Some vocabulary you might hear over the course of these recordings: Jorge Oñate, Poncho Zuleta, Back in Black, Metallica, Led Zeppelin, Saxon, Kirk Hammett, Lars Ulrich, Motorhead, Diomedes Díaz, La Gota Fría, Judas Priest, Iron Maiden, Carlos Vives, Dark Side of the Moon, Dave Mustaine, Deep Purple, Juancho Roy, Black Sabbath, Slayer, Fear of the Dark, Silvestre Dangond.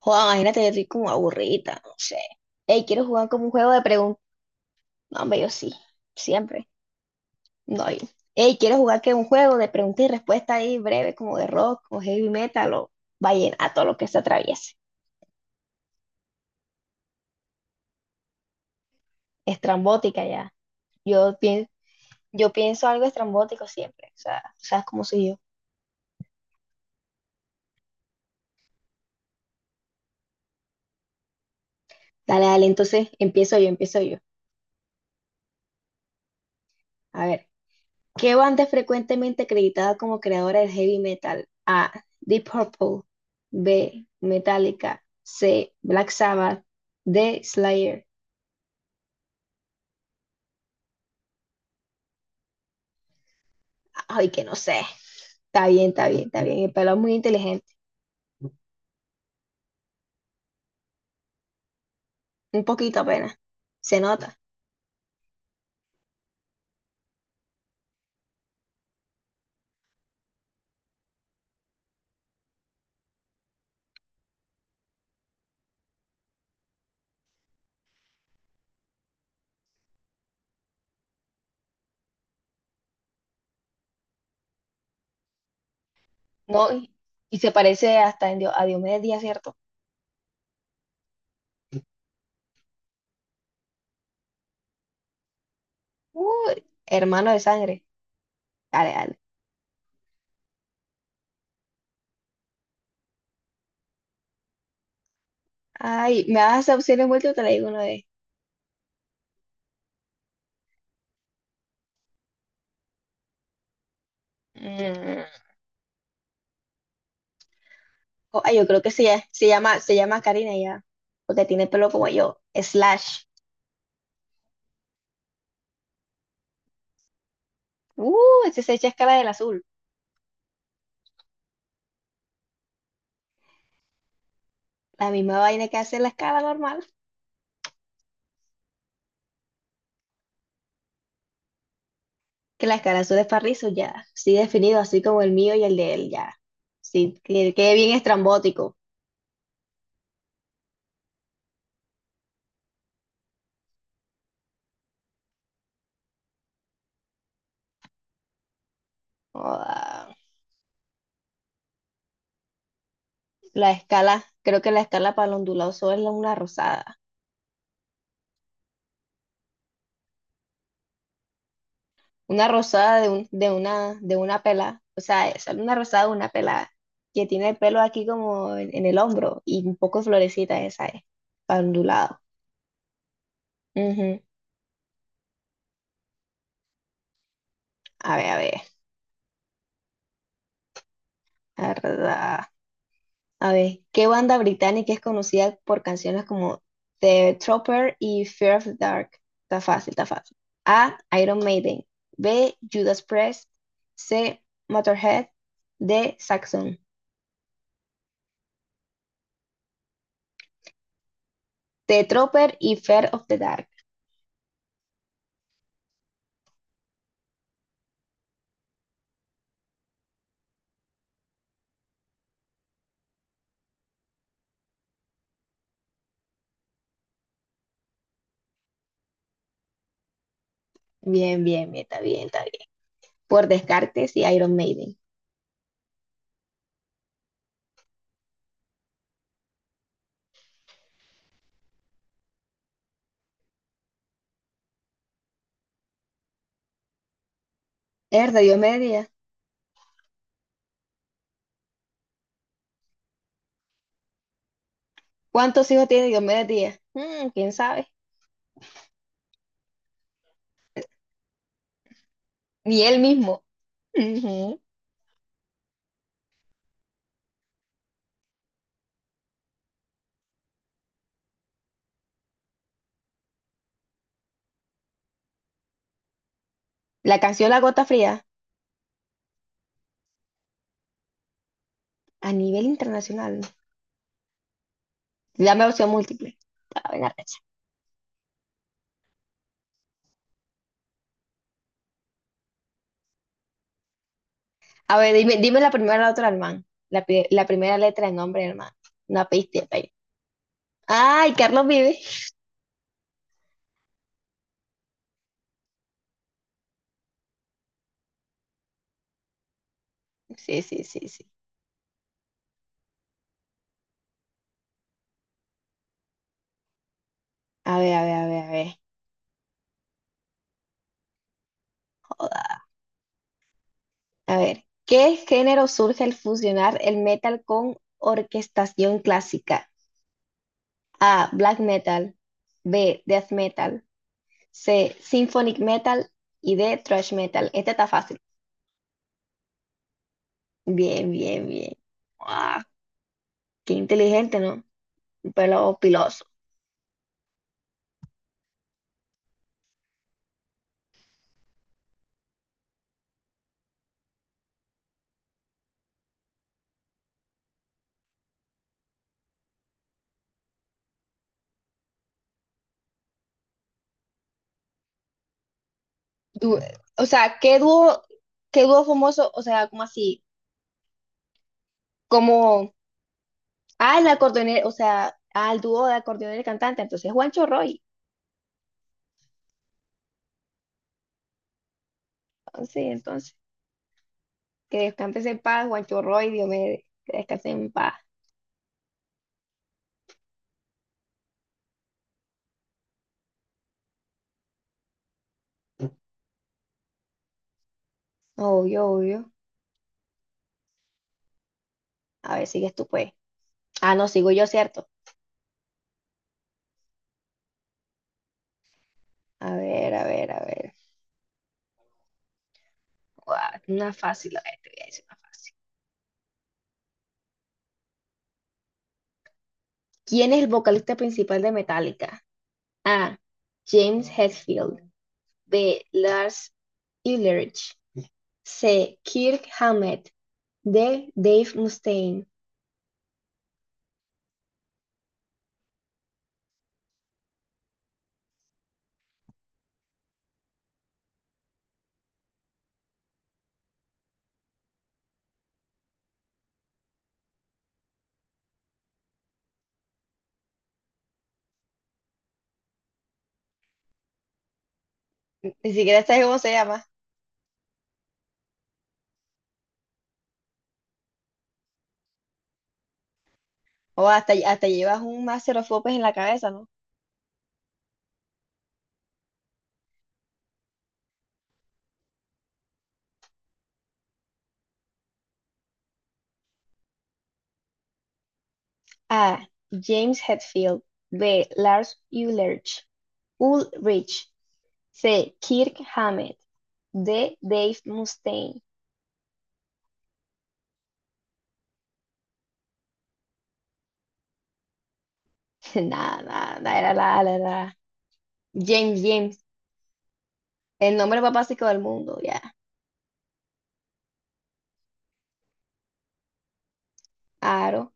Joder, imagínate, yo estoy como aburrida, no sé. Ey, ¿quieres jugar como un juego de preguntas? No, hombre, yo sí, siempre. No, yo. Ey, ¿quieres jugar que un juego de preguntas y respuestas ahí breve, como de rock, o heavy metal, o vallenato, lo que se atraviese? Estrambótica ya. Yo, pien- yo pienso algo estrambótico siempre, o sea, sabes cómo soy yo. Dale, dale, entonces empiezo yo, empiezo yo. A ver. ¿Qué banda es frecuentemente acreditada como creadora del heavy metal? A. Deep Purple. B. Metallica. C. Black Sabbath. D. Slayer. Ay, que no sé. Está bien, está bien, está bien. El pelo es muy inteligente. Un poquito apenas. Se nota. No, y se parece hasta en a Diomedes Díaz, ¿cierto? Uy, hermano de sangre. Dale, dale. Ay, me das opciones múltiples, te la digo una vez. Mm, yo creo que se llama Karina ya, porque tiene pelo como yo. Slash. Uh, ese se echa escala del azul. La misma vaina que hace la escala normal, que la escala azul es para rizos ya. Sí definido, así como el mío y el de él ya. Sí, que quede bien estrambótico. Joda. La escala, creo que la escala para el ondulado solo es una rosada. Una rosada de, un, de una pelada. O sea, es una rosada de una pelada que tiene el pelo aquí como en el hombro y un poco florecita esa es, ondulado. Ujú. A ver, a ver, a ver, a ver, ¿qué banda británica es conocida por canciones como The Trooper y Fear of the Dark? Está fácil, está fácil. A, Iron Maiden. B, Judas Priest. C, Motorhead. D, Saxon. The Trooper y Fear of the Dark. Bien, bien, bien, está bien, está bien. Por Descartes y Iron Maiden. Es de Diomedes Díaz. ¿Cuántos hijos tiene Diomedes Díaz? Mm, quién sabe. Ni él mismo. Ujú. La canción La Gota Fría, a nivel internacional. Dame opción múltiple. A ver, arrecha. A ver, dime, dime la primera letra del man. La primera letra del nombre del man. Una pista ahí. Ay, Carlos Vive. Sí, sí, sí, sí. A ver, a ver, a ver, a ver. Joda. A ver, ¿qué género surge al fusionar el metal con orquestación clásica? A. Black metal. B. Death metal. C. Symphonic metal. Y D. Thrash metal. Este está fácil. Bien, bien, bien. ¡Guau! Qué inteligente, ¿no? Un pelo piloso. Du- o sea, qué dúo famoso? O sea, ¿como así? Como, ah, el acordeonero, o sea, ah, el dúo de acordeonero y cantante. Entonces, Juancho Roy. Entonces, que descanses en paz, Juancho Roy, Diomedes, que descanses en paz. Obvio, obvio. A ver, sigues tú, pues. Ah, no, sigo yo, ¿cierto? A ver, a ver, a ver. Guau, una fácil, a ver, te voy a decir una fácil. ¿Quién es el vocalista principal de Metallica? A. James Hetfield. B. Lars Ulrich. C. Kirk Hammett. D. Dave Mustaine. Ni siquiera sabes cómo se llama. O hasta, hasta llevas un master of popes en la cabeza, ¿no? A. James Hetfield. B. Lars Ulrich. Ulrich. C. Kirk Hammett. D. Dave Mustaine. Nada, nada, nada, era la, la, la- James, James, el nombre más básico del mundo, ya. Aro.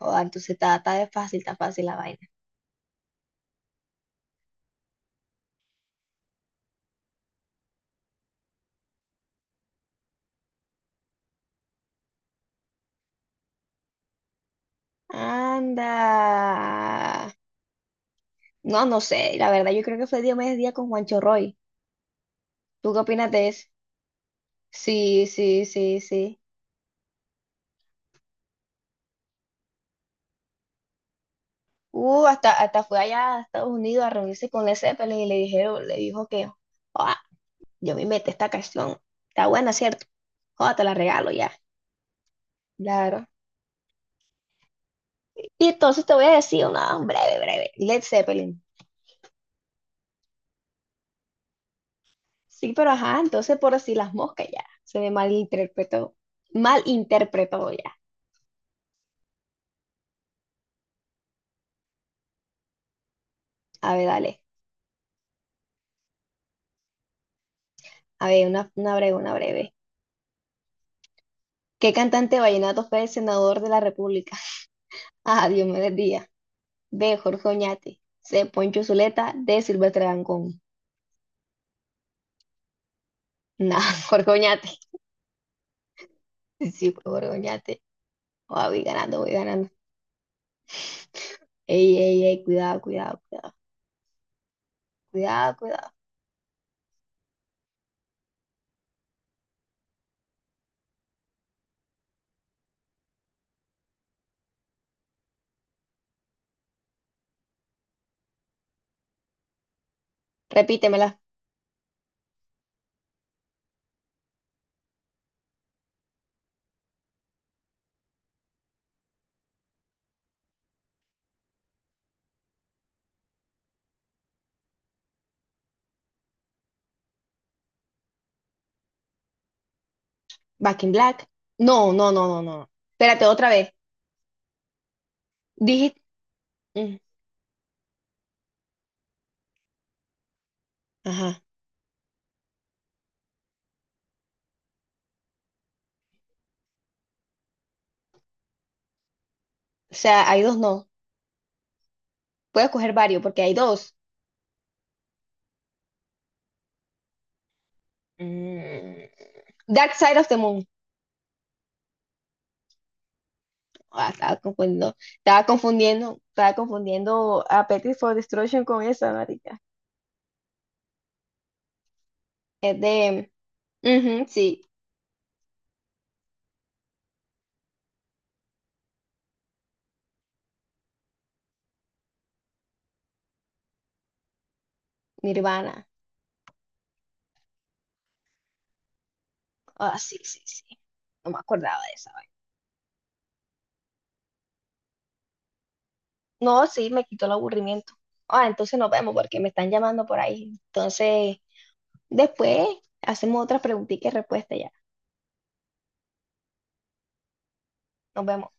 Joder, entonces está de fácil, está fácil la vaina. Anda. No, no sé, la verdad, yo creo que fue Diomedes Díaz con Juancho Roy. ¿Tú qué opinas de eso? Sí, sí, sí, sí. Hasta fue allá a Estados Unidos a reunirse con Led Zeppelin y le dijo que, "Ah, yo me metí esta canción. Está buena, ¿cierto? Joder, te la regalo ya". Claro. Y entonces te voy a decir una breve, breve, Led Zeppelin. Sí, pero ajá, entonces por así las moscas ya, malinterpretó ya. A ver, dale, a ver, una breve, una breve. ¿Qué cantante vallenato fue el senador de la República? A, Dios me bendiga. B, Jorge Oñate. C, Poncho Zuleta. D, Silvestre Dangond. Nah, Jorge Oñate. Sí, fue Jorge Oñate. Ah, voy ganando, voy ganando. Ey, ey, ey, cuidado, cuidado, cuidado, cuidado, cuidado. Repítemela. Back in Black. No, no, no, no, no. Espérate, otra vez. Dije. Mm. Ajá. O sea, hay dos, no. Puedo escoger varios porque hay dos. Mm. Dark Side of the Moon. Ah, estaba confundiendo. Estaba confundiendo. Estaba confundiendo a Petty for Destruction con esa, marica. Es de. Ujú, sí, Nirvana. Ah, sí, sí, sí. No me acordaba de esa vaina. No, sí, me quitó el aburrimiento. Ah, entonces nos vemos porque me están llamando por ahí. Entonces. Después hacemos otra preguntita y respuesta ya. Nos vemos.